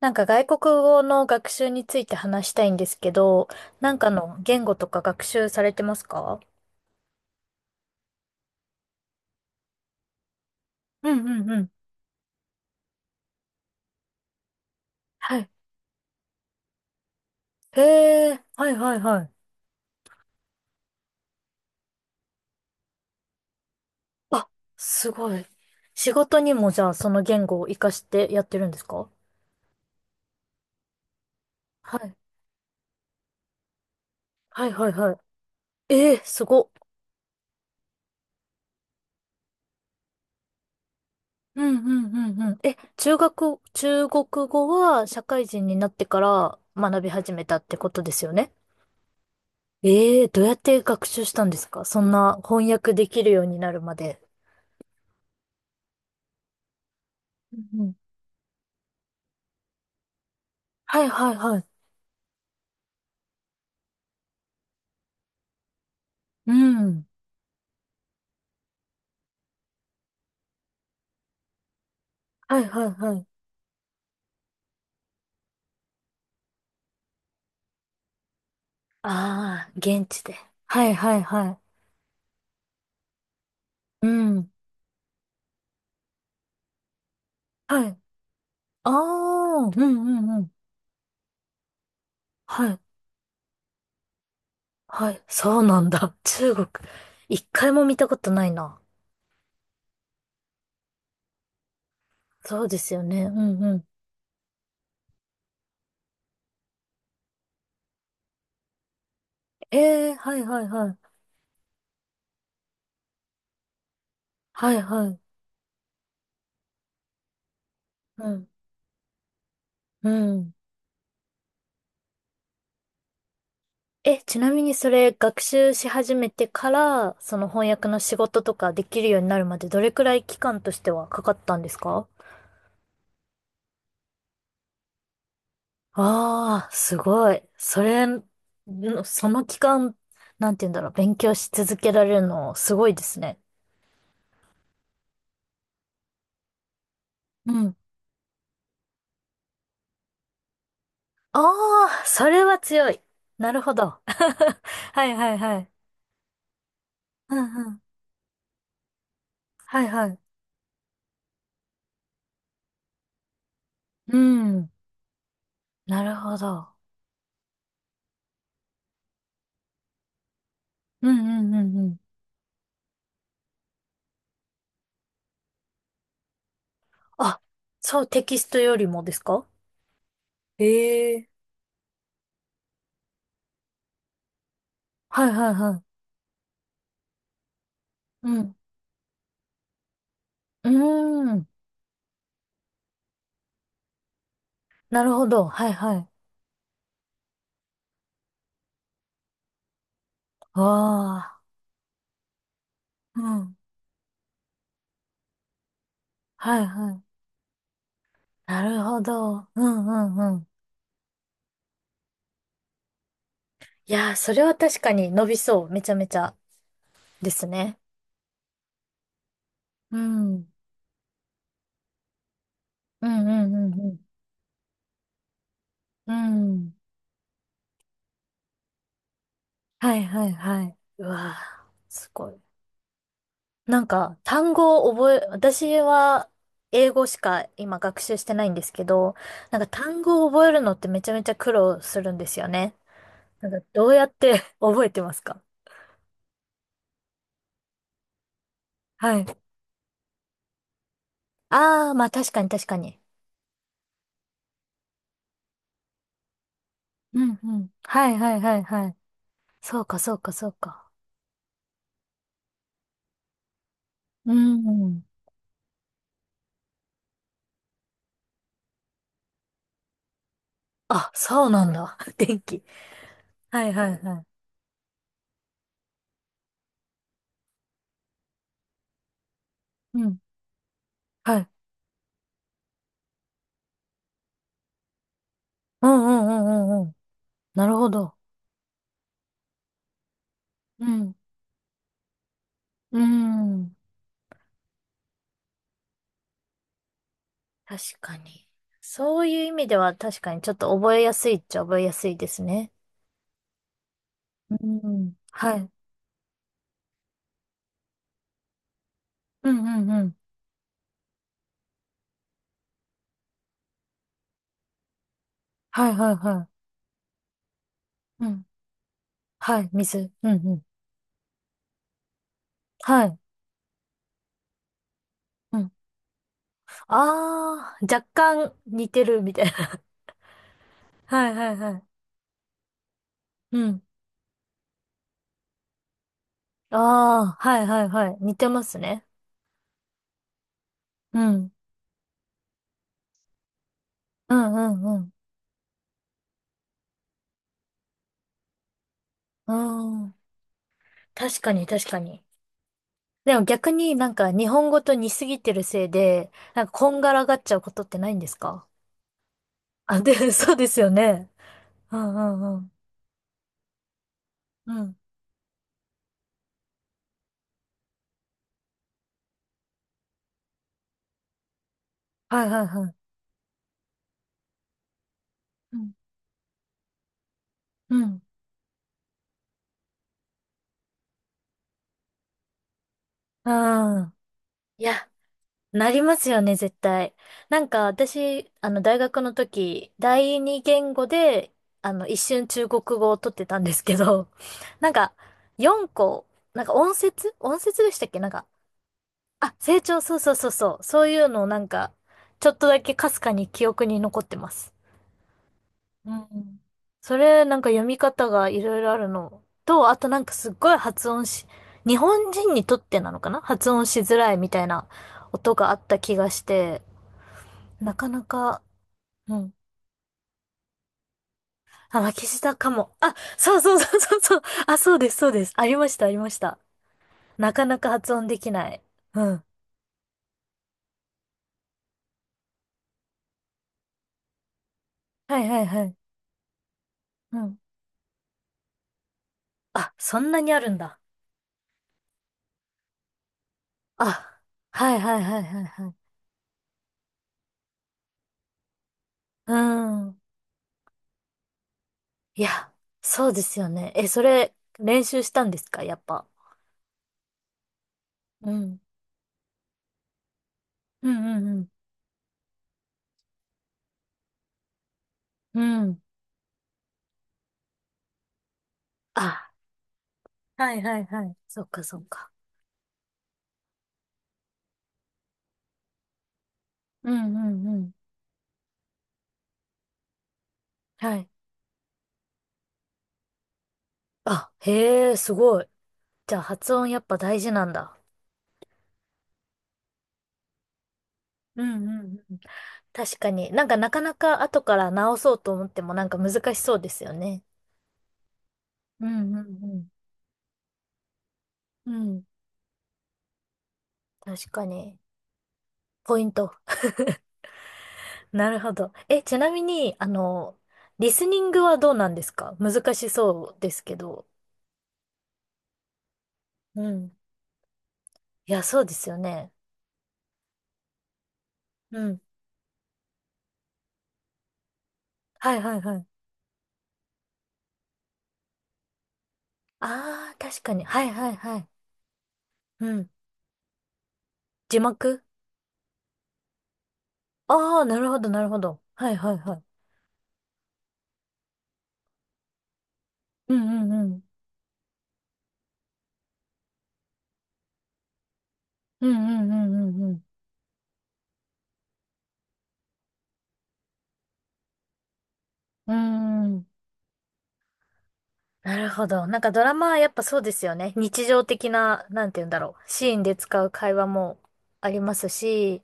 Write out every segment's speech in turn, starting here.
なんか外国語の学習について話したいんですけど、なんかの言語とか学習されてますか？うんうんうん。はい。へえ、はいはいはい。あ、すごい。仕事にもじゃあその言語を活かしてやってるんですか？はい。はいはいはい。えー、すごっ。うんうんうんうん。え、中国語は社会人になってから学び始めたってことですよね？えー、どうやって学習したんですかそんな翻訳できるようになるまで。うんうんはいはいはい。うん。はいはいはい。ああ、現地で。はいはいはい。うん。はい。ああ、うんうんうん。はい。はい。そうなんだ。中国、一回も見たことないな。そうですよね。うんうん。ええはいはいはい。はいはい。うん。うん。え、ちなみにそれ学習し始めてから、その翻訳の仕事とかできるようになるまでどれくらい期間としてはかかったんですか？ああ、すごい。それ、その期間、なんて言うんだろう、勉強し続けられるの、すごいですね。うん。ああ、それは強い。なるほど。はいはいはい。うんうん。はいはい。うん。なるほど。うんうんうんうん。あ、そう、テキストよりもですか？ええ。はいはいはい。うん。うーん。なるほど。はいはい。ああ。うん。はいはい。なるほど。うんうんうん。いやー、それは確かに伸びそう。めちゃめちゃですね。うん。うんうんうんうん。うん。はいはいはい。うわー、すごい。なんか、単語を覚え、私は英語しか今学習してないんですけど、なんか単語を覚えるのってめちゃめちゃ苦労するんですよね。なんかどうやって 覚えてますか？はい。あー、まあ確かに確かに。うんうん。はいはいはいはい。そうかそうかそうか。うん。あ、そうなんだ。電気。はいはいはい。うん。はい。うんうんうんうんうん。なるほど。うん。うん。確かに。そういう意味では確かにちょっと覚えやすいっちゃ覚えやすいですね。うん。はい。うんうんうん。はいはいはい。うん。はい。水。うんうん。はい。うん。あー、若干似てるみたいな。はいはいはい。うん。あー、はいはいはい。似てますね。うん。うんうんうん。うん。確かに確かに。でも逆になんか日本語と似すぎてるせいで、なんかこんがらがっちゃうことってないんですか？ あ、で、そうですよね。うんうんうん。うん。はいはいはい。うん。うん。うん。いや、なりますよね、絶対。なんか私、大学の時、第二言語で、一瞬中国語を取ってたんですけど、なんか、4個、なんか音節でしたっけなんか、あ、成長、そうそうそうそう。そういうのをなんか、ちょっとだけかすかに記憶に残ってます。うん。それ、なんか読み方がいろいろあるのと、あとなんかすっごい発音し、日本人にとってなのかな発音しづらいみたいな音があった気がして、なかなか、うん。あ、巻き舌かも。あ、そうそうそうそうそう。あ、そうです、そうです。ありました、ありました。なかなか発音できない。うん。はいはいはい。うん。あ、そんなにあるんだ。あ、はいはいはいはいはい。うん。いや、そうですよね。え、それ、練習したんですかやっぱ。うん。うんうんうん。うん。あ、はいはいはい。そっかそっか。うんうんうん。はい。あ、へえ、すごい。じゃあ発音やっぱ大事なんだ。うんうんうん。確かに。なんかなかなか後から直そうと思ってもなんか難しそうですよね。うんうんうん。うん。確かに。ポイント。なるほど。え、ちなみに、リスニングはどうなんですか難しそうですけど。うん。いや、そうですよね。うん。はいはいはい。ああ、確かに。はいはいはい。うん。字幕ああー、なるほどなるほど。はいはいはい。うんうんうん。うんうんうんうんうん。うーん。なるほど。なんかドラマはやっぱそうですよね。日常的な、なんて言うんだろう。シーンで使う会話もありますし、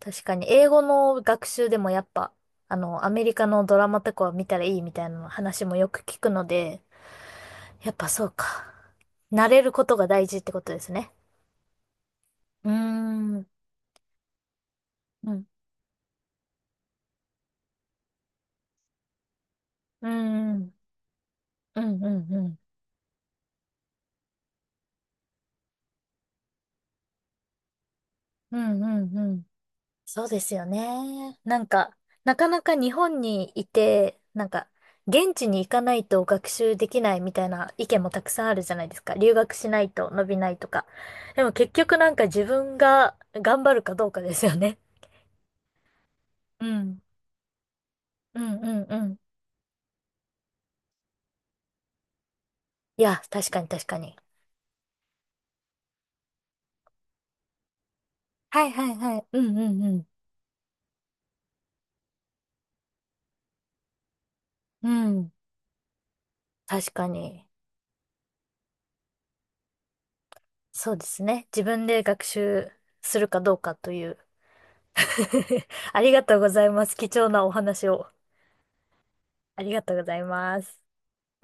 確かに、英語の学習でもやっぱ、アメリカのドラマとかは見たらいいみたいな話もよく聞くので、やっぱそうか。慣れることが大事ってことですね。うーん。うん。うん。うんうんうん。うんうんうん。そうですよね。なんか、なかなか日本にいて、なんか、現地に行かないと学習できないみたいな意見もたくさんあるじゃないですか。留学しないと伸びないとか。でも結局なんか自分が頑張るかどうかですよね。うん。うんうんうん。いや、確かに確かに。はいはいはい。うんうんうん。うん。確かに。そうですね。自分で学習するかどうかという。ありがとうございます。貴重なお話を。ありがとうございます。